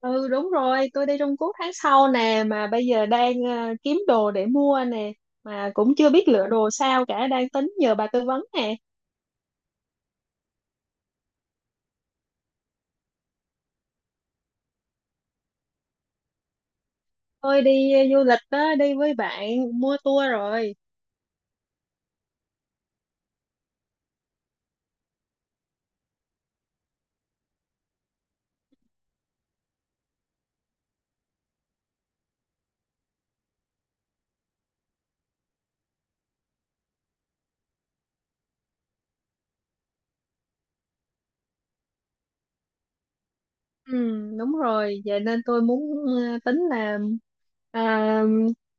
Ừ, đúng rồi, tôi đi Trung Quốc tháng sau nè, mà bây giờ đang kiếm đồ để mua nè, mà cũng chưa biết lựa đồ sao cả, đang tính nhờ bà tư vấn nè. Tôi đi du lịch đó, đi với bạn, mua tour rồi. Ừ, đúng rồi, vậy nên tôi muốn ờ, tính là à,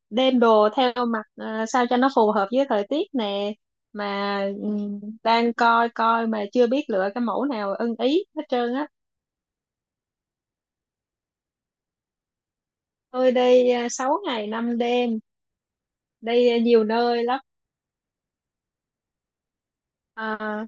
đem đồ theo mặt, sao cho nó phù hợp với thời tiết nè, mà đang coi coi mà chưa biết lựa cái mẫu nào ưng ý hết trơn á. Tôi đi 6 ngày 5 đêm, đây nhiều nơi lắm à.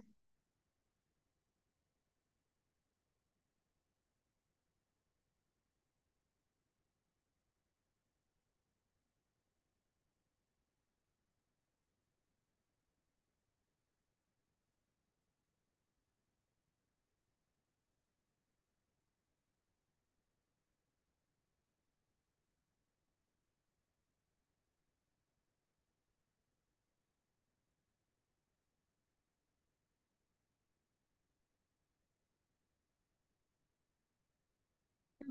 Ừ,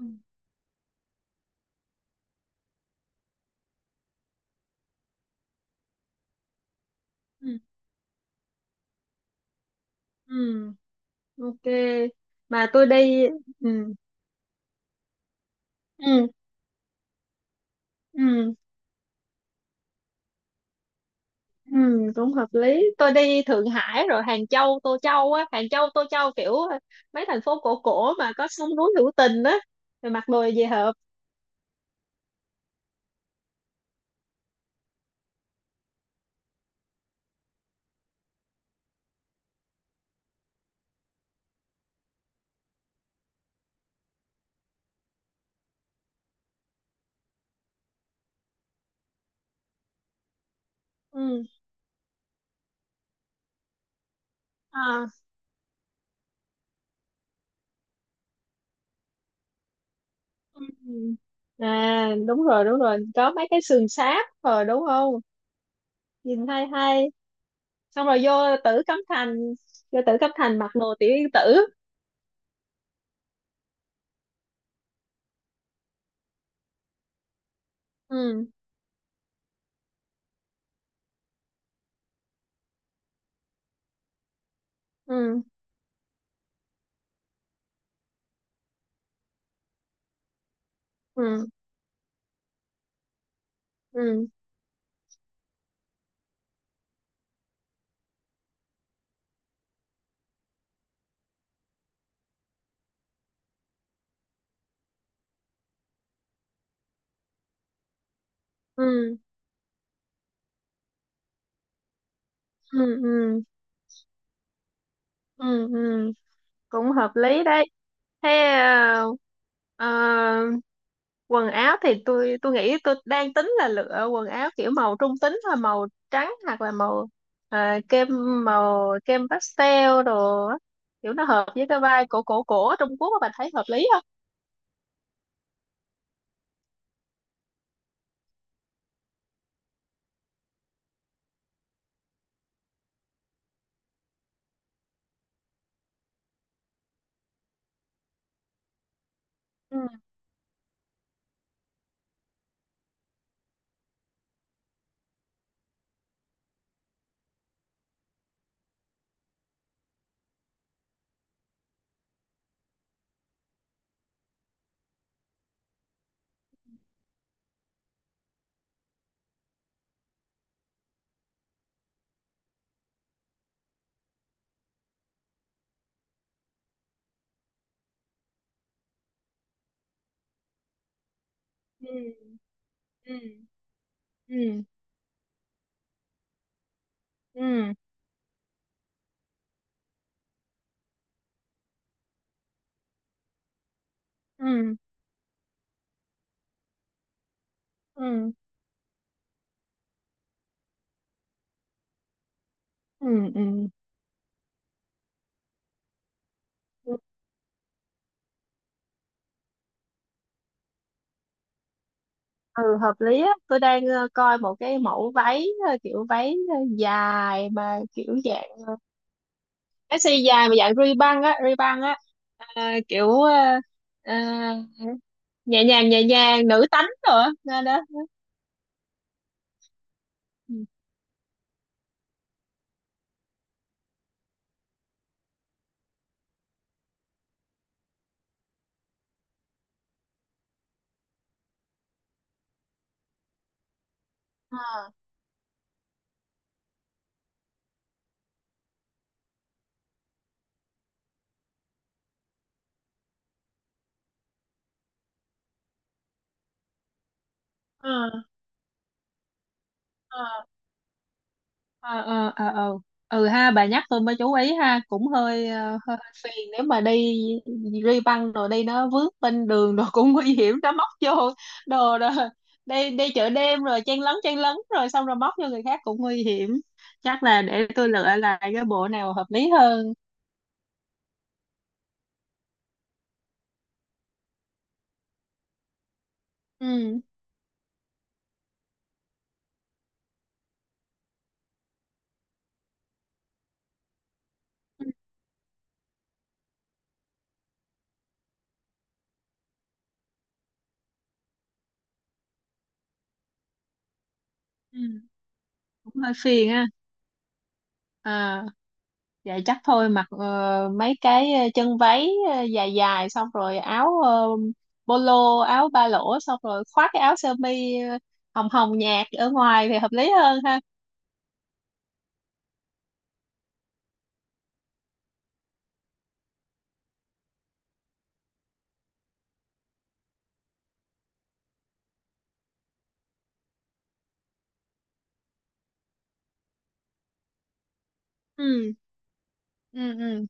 ừ, ừ, ok mà tôi đi ừ, ừ, ừ, ừ, cũng hợp lý. Tôi đi Thượng Hải rồi Hàng Châu Tô Châu á, Hàng Châu Tô Châu kiểu mấy thành phố cổ cổ mà có sông núi hữu tình á, rồi mặc đồ về hợp. Ừ. À. Ừ. À, đúng rồi, đúng rồi, có mấy cái sườn sáp rồi đúng không, nhìn hay hay, xong rồi vô Tử Cấm Thành, mặc đồ tiểu yên tử. Ừ, ừ, ừ, ừ, ừ, ừ, ừ, ừ, ừ, cũng hợp lý đấy. Thế, ờ, quần áo thì tôi nghĩ tôi đang tính là lựa quần áo kiểu màu trung tính thôi, màu trắng hoặc là màu ờ, kem, màu kem pastel đồ á, kiểu nó hợp với cái vibe cổ cổ cổ ở Trung Quốc á, bạn thấy hợp lý không? Ừ, ừ, ừ, ừ, ừ, ừ, ừ, ừ, ừ, ừ, hợp lý á. Tôi đang coi một cái mẫu váy, kiểu váy dài mà kiểu dạng, cái size dài mà dạng ri băng á, kiểu ờ, nhẹ nhàng nữ tánh rồi á, nên đó. Ừ. Ờ. Ờ. Ờ, ờ, ờ, ờ. Ừ ha, bà nhắc tôi mới chú ý ha, cũng hơi hơi phiền nếu mà đi ri băng rồi đi nó vướng bên đường rồi cũng nguy hiểm, nó móc vô đồ rồi, đi đi chợ đêm rồi chen lấn rồi xong rồi móc vô người khác cũng nguy hiểm. Chắc là để tôi lựa lại cái bộ nào hợp lý hơn. Ừ, ừ, ừ, cũng hơi phiền ha. À, vậy chắc thôi mặc mấy cái chân váy dài dài, xong rồi áo polo, áo ba lỗ, xong rồi khoác cái áo sơ mi hồng hồng nhạt ở ngoài thì hợp lý hơn ha. Ừ, ừ, ừ,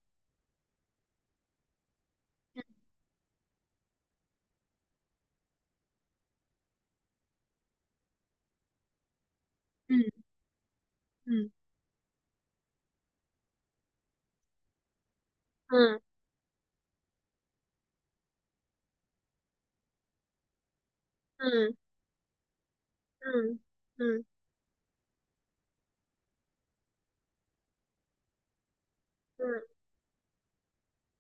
ừ, ừ, ừ, ừ, ừ, ừ, ừ,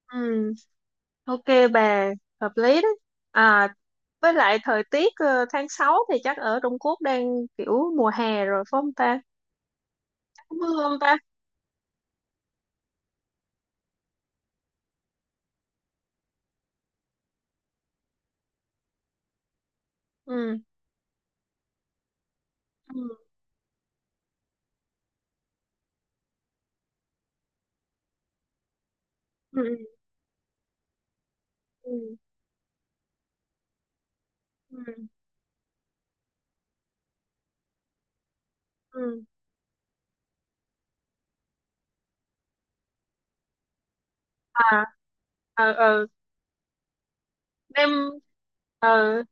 ừ, ok bà, hợp lý đó. À, với lại thời tiết tháng 6 thì chắc ở Trung Quốc đang kiểu mùa hè rồi phải không ta? Chắc có mưa không ta? Ừ, ừ, ừ, ừ, ừ, ừ. À, ờ ờ đem ờ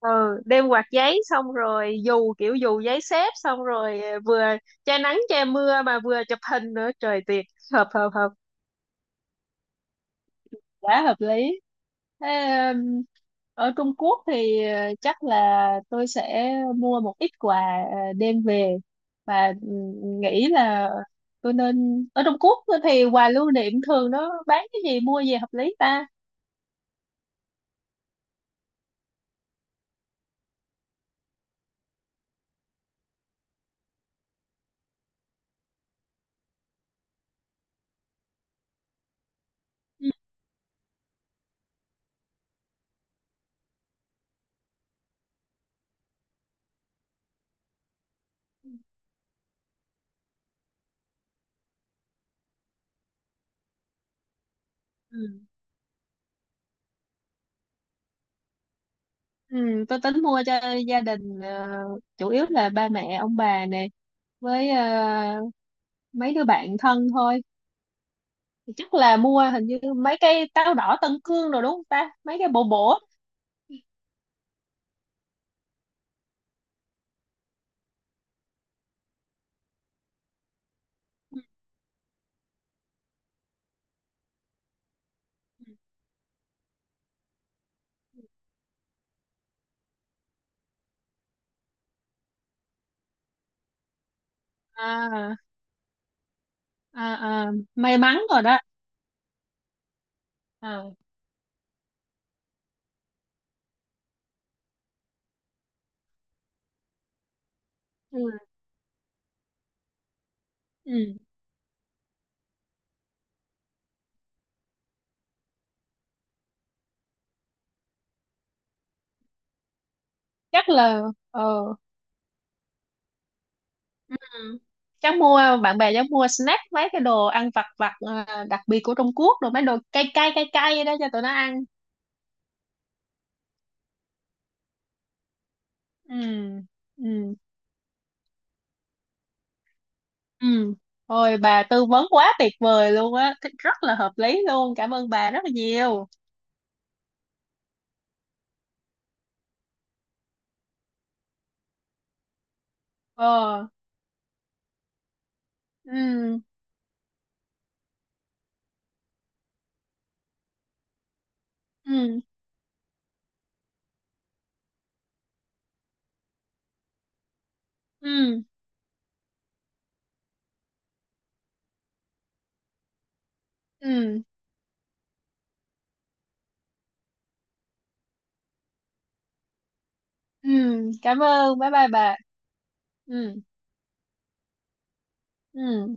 ờ đem quạt giấy, xong rồi dù, kiểu dù giấy xếp, xong rồi vừa che nắng che mưa mà vừa chụp hình nữa, trời tuyệt, hợp hợp hợp, quá hợp lý. Thế, um, ở Trung Quốc thì chắc là tôi sẽ mua một ít quà đem về, và nghĩ là tôi nên, ở Trung Quốc thì quà lưu niệm thường nó bán cái gì, mua gì hợp lý ta. Ừ. Ừ. Ừ, tôi tính mua cho gia đình, chủ yếu là ba mẹ ông bà nè, với mấy đứa bạn thân thôi. Thì chắc là mua hình như mấy cây táo đỏ Tân Cương rồi đúng không ta, mấy cái bổ bổ. À, à, à, may mắn rồi đó. À, ừ, ừ, chắc là ờ ừ, chắc mua bạn bè chắc mua snack, mấy cái đồ ăn vặt vặt đặc biệt của Trung Quốc, rồi mấy đồ cay cay cay cay đó cho tụi nó ăn. Ừ, ừ. Ừ. Ôi bà tư vấn quá tuyệt vời luôn á, rất là hợp lý luôn. Cảm ơn bà rất là nhiều. Ờ. Ừ. Ừ. Ừ. Ừ. Ừ. Cảm ơn. Bye bye bà. Ừ. Ừ.